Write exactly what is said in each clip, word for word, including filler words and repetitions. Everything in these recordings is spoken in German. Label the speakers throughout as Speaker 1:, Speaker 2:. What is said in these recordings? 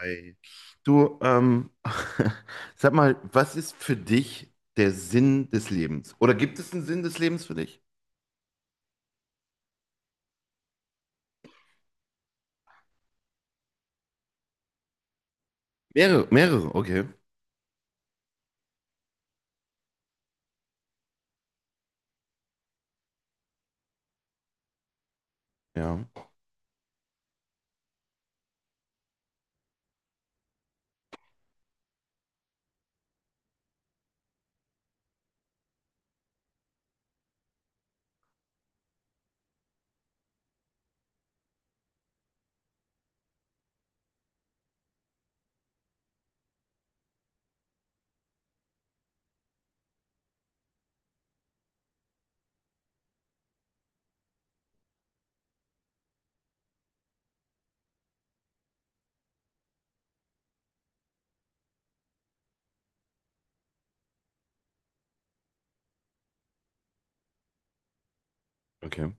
Speaker 1: Hi. Du, ähm, sag mal, was ist für dich der Sinn des Lebens? Oder gibt es einen Sinn des Lebens für dich? Mehrere, mehrere, okay. Ja, okay,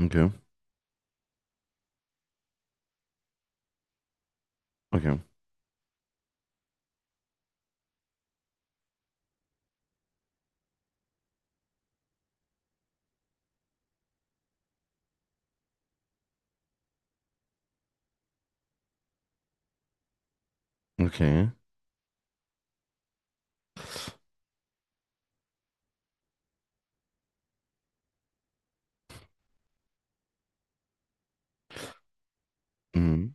Speaker 1: okay, okay, okay, mhm.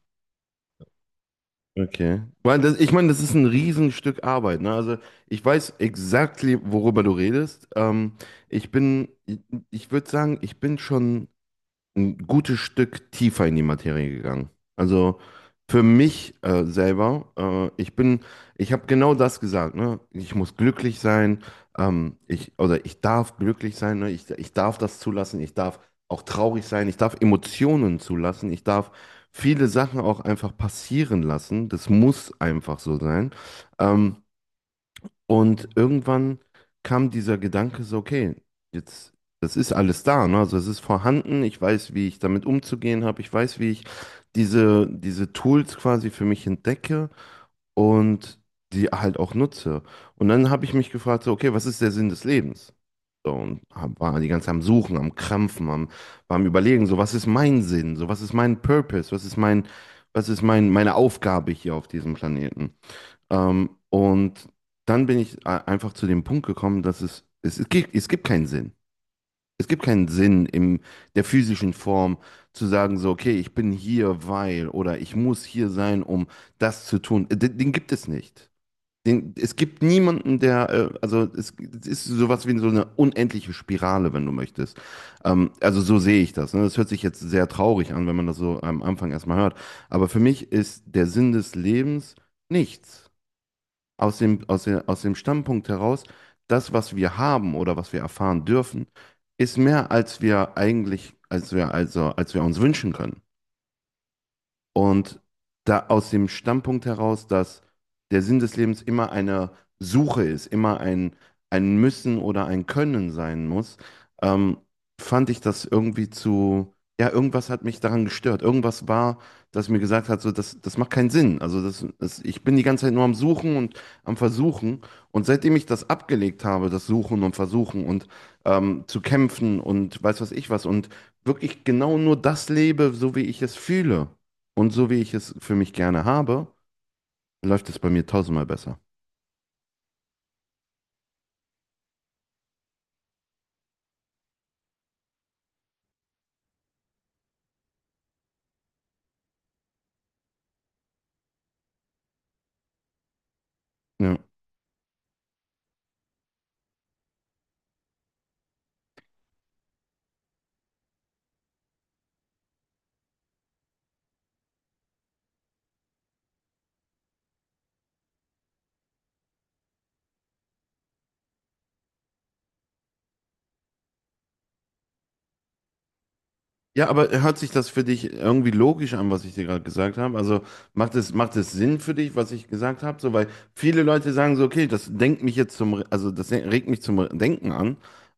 Speaker 1: Okay. Weil das, ich meine, das ist ein Riesenstück Arbeit, ne? Also ich weiß exakt, worüber du redest. Ähm, ich bin, ich, ich würde sagen, ich bin schon ein gutes Stück tiefer in die Materie gegangen. Also für mich äh, selber, äh, ich bin, ich habe genau das gesagt, ne? Ich muss glücklich sein, ähm, ich, oder ich darf glücklich sein, ne? Ich, ich darf das zulassen, ich darf auch traurig sein, ich darf Emotionen zulassen, ich darf viele Sachen auch einfach passieren lassen. Das muss einfach so sein. Ähm, und irgendwann kam dieser Gedanke so, okay, jetzt, das ist alles da, ne? Also es ist vorhanden, ich weiß, wie ich damit umzugehen habe, ich weiß, wie ich diese, diese Tools quasi für mich entdecke und die halt auch nutze. Und dann habe ich mich gefragt, so, okay, was ist der Sinn des Lebens? So, und hab, war die ganze Zeit am Suchen, am Krampfen, am, war am Überlegen, so, was ist mein Sinn? So, was ist mein Purpose? Was ist mein, was ist mein, meine Aufgabe hier auf diesem Planeten? Ähm, und dann bin ich a- einfach zu dem Punkt gekommen, dass es, es, es gibt, es gibt keinen Sinn. Es gibt keinen Sinn in der physischen Form zu sagen, so, okay, ich bin hier, weil oder ich muss hier sein, um das zu tun. Äh, Den, den gibt es nicht. Den, es gibt niemanden, der, äh, also es, es ist sowas wie so eine unendliche Spirale, wenn du möchtest. Ähm, also so sehe ich das. Ne? Das hört sich jetzt sehr traurig an, wenn man das so am Anfang erstmal hört. Aber für mich ist der Sinn des Lebens nichts aus dem, aus dem, aus dem Standpunkt heraus, das, was wir haben oder was wir erfahren dürfen, ist mehr, als wir eigentlich, als wir, also, als wir uns wünschen können. Und da aus dem Standpunkt heraus, dass der Sinn des Lebens immer eine Suche ist, immer ein, ein Müssen oder ein Können sein muss, ähm, fand ich das irgendwie zu, ja, irgendwas hat mich daran gestört. Irgendwas war, das mir gesagt hat, so, das, das macht keinen Sinn. Also das, das, ich bin die ganze Zeit nur am Suchen und am Versuchen. Und seitdem ich das abgelegt habe, das Suchen und Versuchen und ähm, zu kämpfen und weiß was ich was und wirklich genau nur das lebe, so wie ich es fühle, und so wie ich es für mich gerne habe, läuft es bei mir tausendmal besser. Ja. Ja, aber hört sich das für dich irgendwie logisch an, was ich dir gerade gesagt habe? Also macht es, macht es Sinn für dich, was ich gesagt habe? So, weil viele Leute sagen so, okay, das denkt mich jetzt zum, Re- also das regt mich zum Re- Denken an,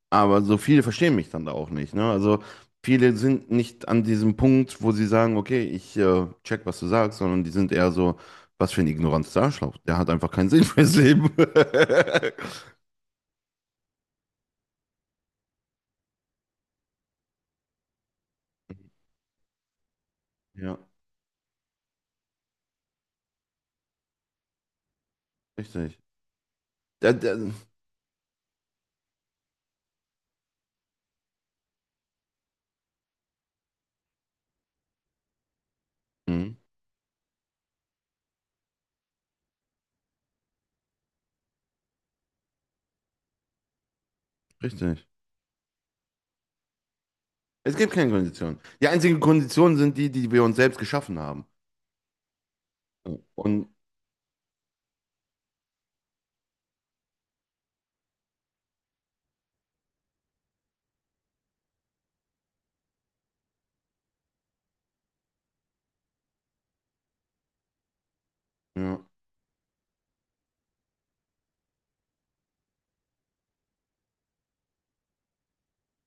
Speaker 1: aber so viele verstehen mich dann da auch nicht, ne? Also viele sind nicht an diesem Punkt, wo sie sagen, okay, ich äh, check, was du sagst, sondern die sind eher so, was für ein ignorantes Arschloch. Der hat einfach keinen Sinn fürs Leben. Ja, richtig. Da, da, hm, richtig. Es gibt keine Konditionen. Die einzigen Konditionen sind die, die wir uns selbst geschaffen haben. Und ja,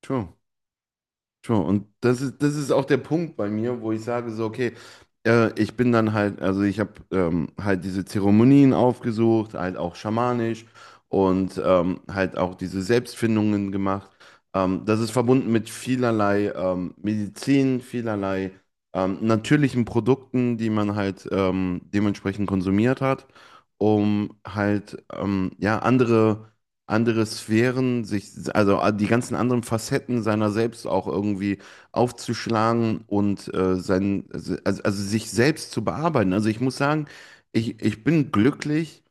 Speaker 1: true. Schon, und das ist, das ist auch der Punkt bei mir, wo ich sage so, okay, äh, ich bin dann halt, also ich habe ähm, halt diese Zeremonien aufgesucht, halt auch schamanisch und ähm, halt auch diese Selbstfindungen gemacht. Ähm, das ist verbunden mit vielerlei ähm, Medizin, vielerlei ähm, natürlichen Produkten, die man halt ähm, dementsprechend konsumiert hat, um halt ähm, ja andere andere Sphären, sich, also ah, die ganzen anderen Facetten seiner selbst auch irgendwie aufzuschlagen und äh, sein, also, also also sich selbst zu bearbeiten. Also ich muss sagen, ich, ich bin glücklich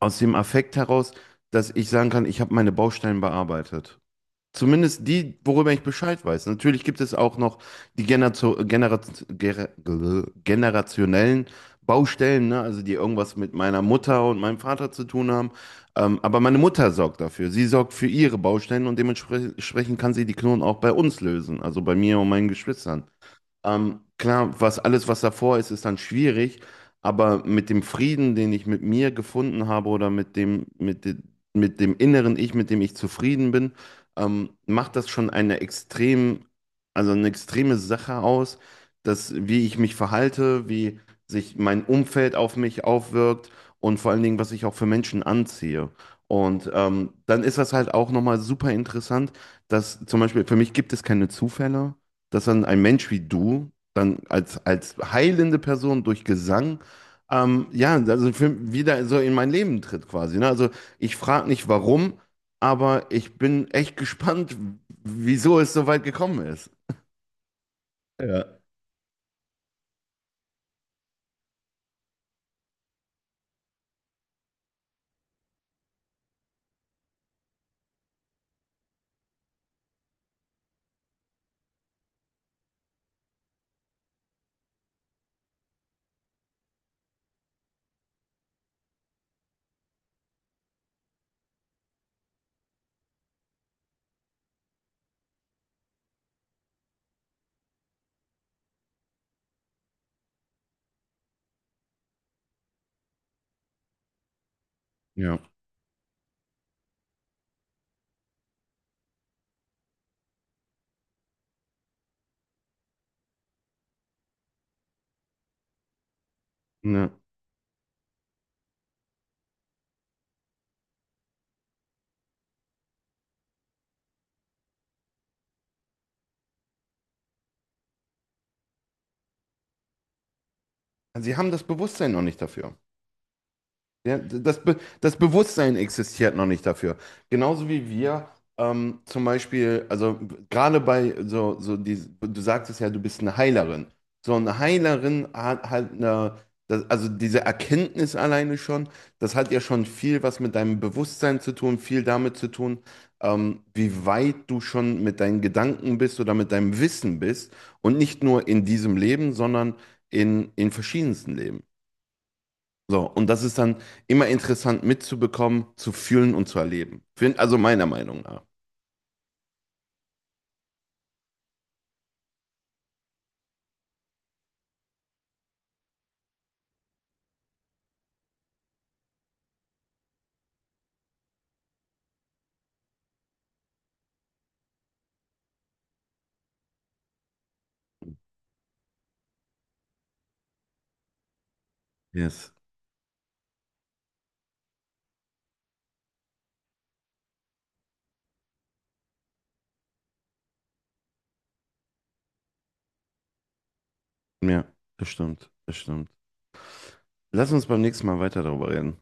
Speaker 1: aus dem Affekt heraus, dass ich sagen kann, ich habe meine Bausteine bearbeitet. Zumindest die, worüber ich Bescheid weiß. Natürlich gibt es auch noch die Generazo Genera Gera- Gl- generationellen Baustellen, ne? Also die irgendwas mit meiner Mutter und meinem Vater zu tun haben. Ähm, aber meine Mutter sorgt dafür. Sie sorgt für ihre Baustellen und dementsprechend kann sie die Knoten auch bei uns lösen, also bei mir und meinen Geschwistern. Ähm, klar, was alles, was davor ist, ist dann schwierig, aber mit dem Frieden, den ich mit mir gefunden habe oder mit dem, mit de, mit dem inneren Ich, mit dem ich zufrieden bin, ähm, macht das schon eine extrem, also eine extreme Sache aus, dass wie ich mich verhalte, wie sich mein Umfeld auf mich aufwirkt und vor allen Dingen, was ich auch für Menschen anziehe. Und ähm, dann ist das halt auch nochmal super interessant, dass zum Beispiel für mich gibt es keine Zufälle dass dann ein Mensch wie du dann als, als heilende Person durch Gesang, ähm, ja, also für, wieder so in mein Leben tritt quasi. Ne? Also ich frage nicht warum, aber ich bin echt gespannt, wieso es so weit gekommen ist. Ja. Ja. Ja. Sie haben das Bewusstsein noch nicht dafür. Ja, das, Be das Bewusstsein existiert noch nicht dafür. Genauso wie wir ähm, zum Beispiel, also gerade bei so, so die, du sagtest ja, du bist eine Heilerin. So eine Heilerin hat halt eine, das, also diese Erkenntnis alleine schon, das hat ja schon viel was mit deinem Bewusstsein zu tun, viel damit zu tun, ähm, wie weit du schon mit deinen Gedanken bist oder mit deinem Wissen bist. Und nicht nur in diesem Leben, sondern in, in verschiedensten Leben. So, und das ist dann immer interessant mitzubekommen, zu fühlen und zu erleben. Find- Also meiner Meinung nach. Yes. Ja, das stimmt, das stimmt. Lass uns beim nächsten Mal weiter darüber reden.